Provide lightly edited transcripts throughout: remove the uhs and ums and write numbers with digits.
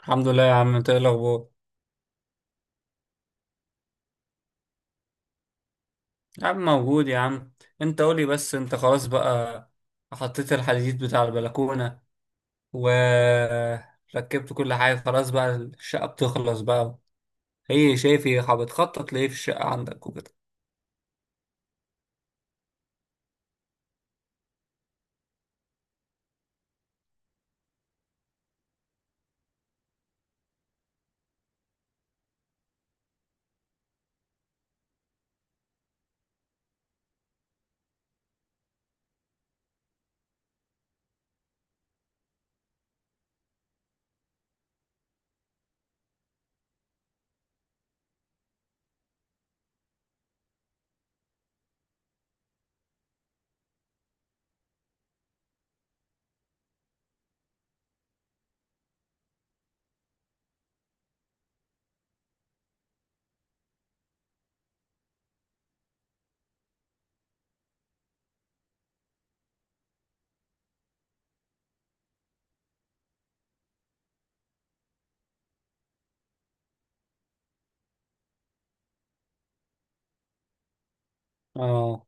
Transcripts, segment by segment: الحمد لله يا عم، انت ايه الاخبار؟ يا عم موجود يا عم. انت قولي بس، انت خلاص بقى؟ حطيت الحديد بتاع البلكونة وركبت كل حاجة، خلاص بقى الشقة بتخلص بقى. هي شايف هي بتخطط ليه في الشقة عندك وكده؟ اه.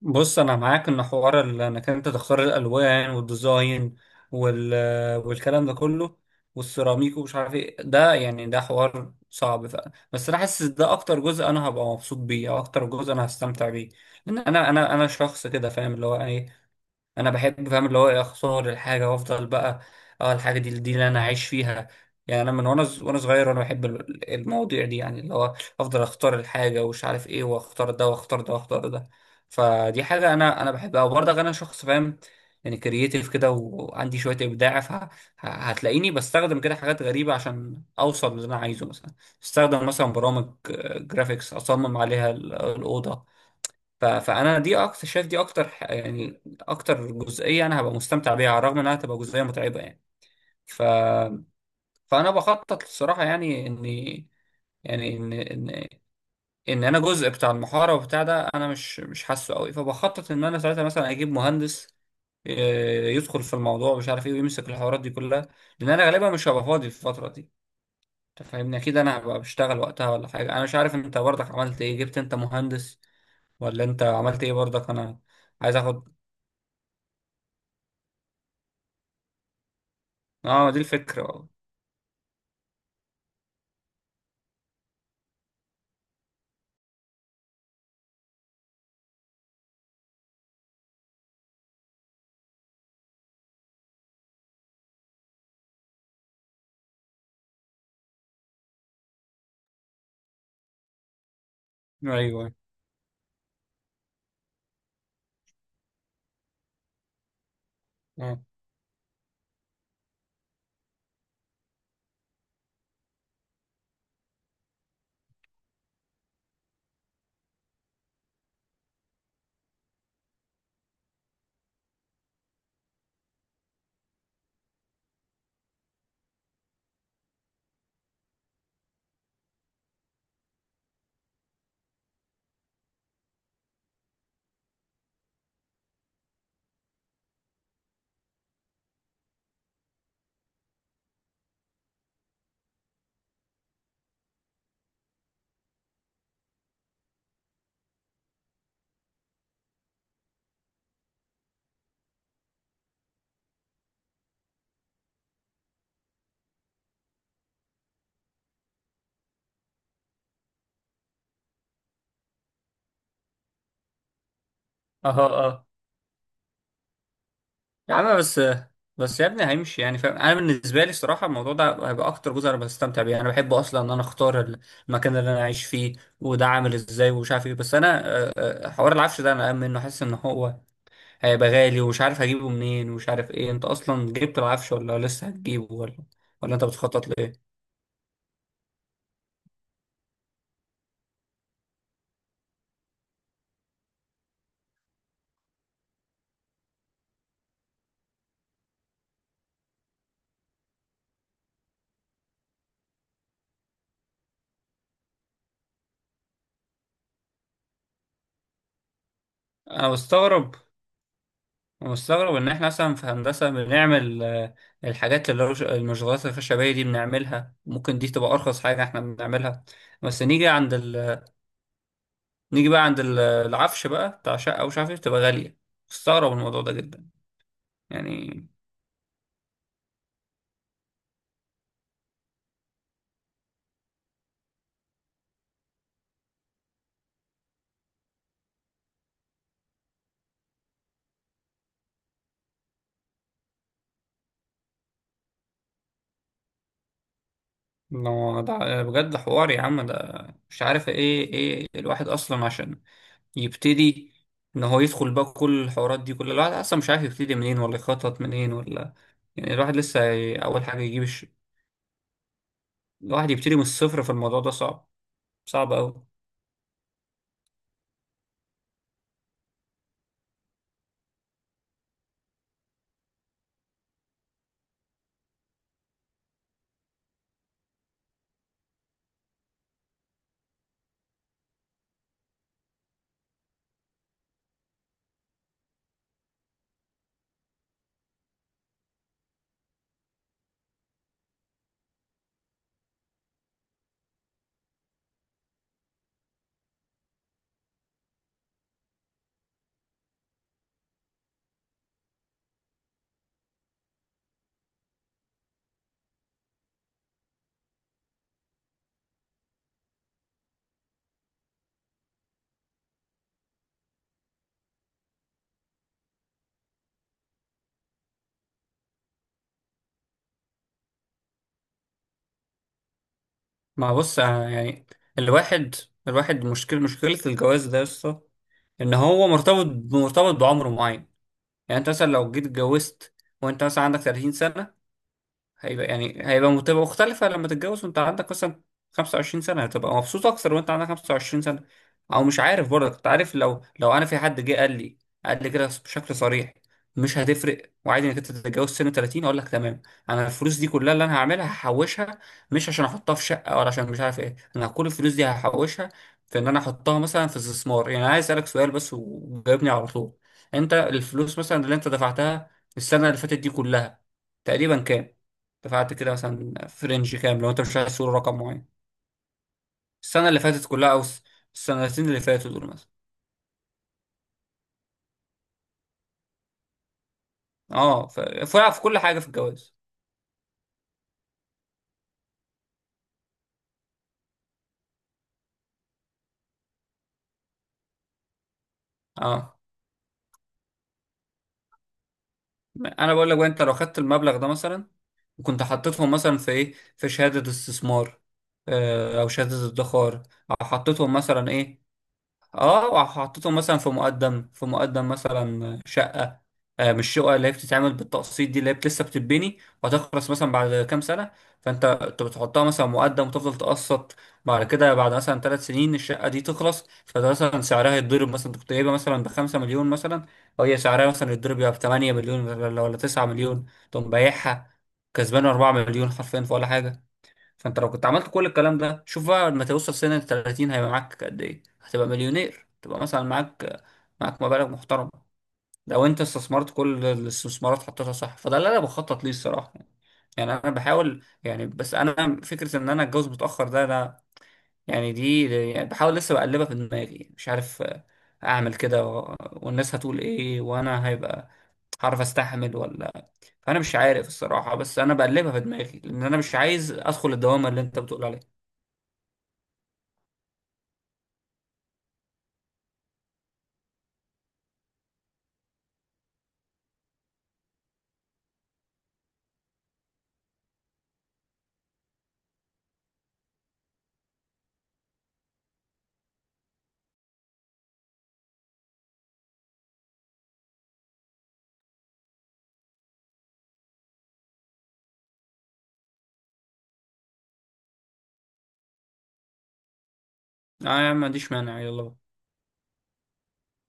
بص انا معاك ان حوار انك انت تختار الالوان والديزاين وال... والكلام ده كله والسيراميك ومش عارف ايه، ده يعني ده حوار صعب، بس انا حاسس ده اكتر جزء انا هبقى مبسوط بيه او اكتر جزء انا هستمتع بيه، لان انا شخص كده فاهم اللي هو ايه. انا بحب، فاهم اللي هو إيه، اخسر الحاجه وافضل بقى. اه الحاجه دي اللي انا عايش فيها. يعني انا من وانا وانا صغير وانا بحب المواضيع دي، يعني اللي هو افضل اختار الحاجه ومش عارف ايه، واختار ده واختار ده واختار ده. فدي حاجه انا بحبها وبرضه انا شخص فاهم، يعني كرييتيف كده وعندي شويه ابداع، فهتلاقيني بستخدم كده حاجات غريبه عشان اوصل للي انا عايزه. مثلا بستخدم مثلا برامج جرافيكس اصمم عليها الاوضه. فانا دي اكتر، شايف دي اكتر يعني اكتر جزئيه انا هبقى مستمتع بيها على الرغم انها تبقى جزئيه متعبه يعني. ف فانا بخطط الصراحه يعني اني يعني ان انا جزء بتاع المحاره وبتاع ده، انا مش حاسه قوي، فبخطط ان انا ساعتها مثلا اجيب مهندس، يدخل في الموضوع مش عارف ايه، ويمسك الحوارات دي كلها، لان انا غالبا مش هبقى فاضي في الفتره دي. انت فاهمني، اكيد انا هبقى بشتغل وقتها ولا حاجه، انا مش عارف انت برضك عملت ايه، جبت انت مهندس ولا انت عملت ايه برضك؟ انا عايز اخد. اه دي الفكرة اه. ايوه. اه. اه. اه يا عم بس، بس يا ابني هيمشي يعني، فاهم، انا بالنسبة لي الصراحة الموضوع ده هيبقى اكتر جزء انا بستمتع بيه، انا بحب اصلا ان انا اختار المكان اللي انا عايش فيه وده عامل ازاي ومش عارف ايه. بس انا حوار العفش ده انا قام منه حاسس ان هو هيبقى غالي ومش عارف هجيبه منين ومش عارف ايه. انت اصلا جبت العفش ولا لسه هتجيبه، ولا ولا انت بتخطط لايه؟ انا بستغرب، مستغرب ان احنا مثلا في هندسه بنعمل، الحاجات اللي هو المشغولات الخشبيه دي بنعملها، ممكن دي تبقى ارخص حاجه احنا بنعملها، بس نيجي عند نيجي بقى عند العفش بقى بتاع شقه ومش عارف ايه بتبقى غاليه. مستغرب الموضوع ده جدا يعني. لو ده بجد حوار يا عم، ده مش عارف ايه، ايه الواحد اصلا عشان يبتدي ان هو يدخل بقى كل الحوارات دي كل؟ الواحد اصلا مش عارف يبتدي منين ولا يخطط منين ولا، يعني الواحد لسه اول حاجه يجيب، الواحد يبتدي من الصفر، في الموضوع ده صعب، صعب أوي. ما بص أنا يعني، الواحد الواحد، مشكلة الجواز ده يا اسطى، إن هو مرتبط، مرتبط بعمر معين. يعني أنت مثلا لو جيت اتجوزت وأنت مثلا عندك 30 سنة، هيبقى يعني هيبقى متبقى مختلفة لما تتجوز وانت عندك مثلا 25 سنة، هتبقى مبسوط أكتر وانت عندك 25 سنة. أو مش عارف برضه، كنت عارف لو أنا في حد جه قال لي، قال لي كده بشكل صريح، مش هتفرق وعادي انك انت تتجوز سن 30، اقول لك تمام انا الفلوس دي كلها اللي انا هعملها هحوشها، مش عشان احطها في شقه ولا عشان مش عارف ايه، انا كل الفلوس دي هحوشها في ان انا احطها مثلا في استثمار. يعني عايز اسالك سؤال بس وجاوبني على طول، انت الفلوس مثلا اللي انت دفعتها السنه اللي فاتت دي كلها تقريبا كام؟ دفعت كده مثلا في رينج كام، لو انت مش عايز تقول رقم معين؟ السنه اللي فاتت كلها او السنتين اللي فاتوا دول مثلا. اه فرق في كل حاجه في الجواز. اه انا بقول لك بقى، انت لو خدت المبلغ ده مثلا وكنت حطيتهم مثلا في ايه، في شهاده استثمار، او شهاده ادخار، او حطيتهم مثلا ايه، اه وحطيته مثلا في مقدم، في مقدم مثلا شقة، مش شقة اللي هي بتتعمل بالتقسيط دي، اللي هي لسه بتتبني وهتخلص مثلا بعد كام سنة، فانت انت بتحطها مثلا مقدم وتفضل تقسط، بعد كده بعد مثلا 3 سنين الشقة دي تخلص، فده مثلا سعرها يتضرب، مثلا انت كنت جايبها مثلا بخمسة مليون مثلا، وهي سعرها مثلا يتضرب يبقى ب8 مليون ولا 9 مليون، تقوم بايعها كسبان 4 مليون حرفيا في ولا حاجة. فانت لو كنت عملت كل الكلام ده، شوف بقى لما توصل سن ال 30 هيبقى معاك قد ايه، هتبقى مليونير، تبقى مثلا معاك، معاك مبالغ محترمه لو انت استثمرت كل الاستثمارات حطيتها صح. فده اللي انا بخطط ليه الصراحه يعني، يعني انا بحاول يعني، بس انا فكره ان انا اتجوز متاخر ده انا يعني دي، يعني بحاول لسه بقلبها في دماغي، مش عارف، اعمل كده والناس هتقول ايه، وانا هيبقى هعرف استحمل ولا، فانا مش عارف الصراحه. بس انا بقلبها في دماغي لان انا مش عايز ادخل الدوامه اللي انت بتقول عليها. اه يا عم ما عنديش مانع، يلا بقى.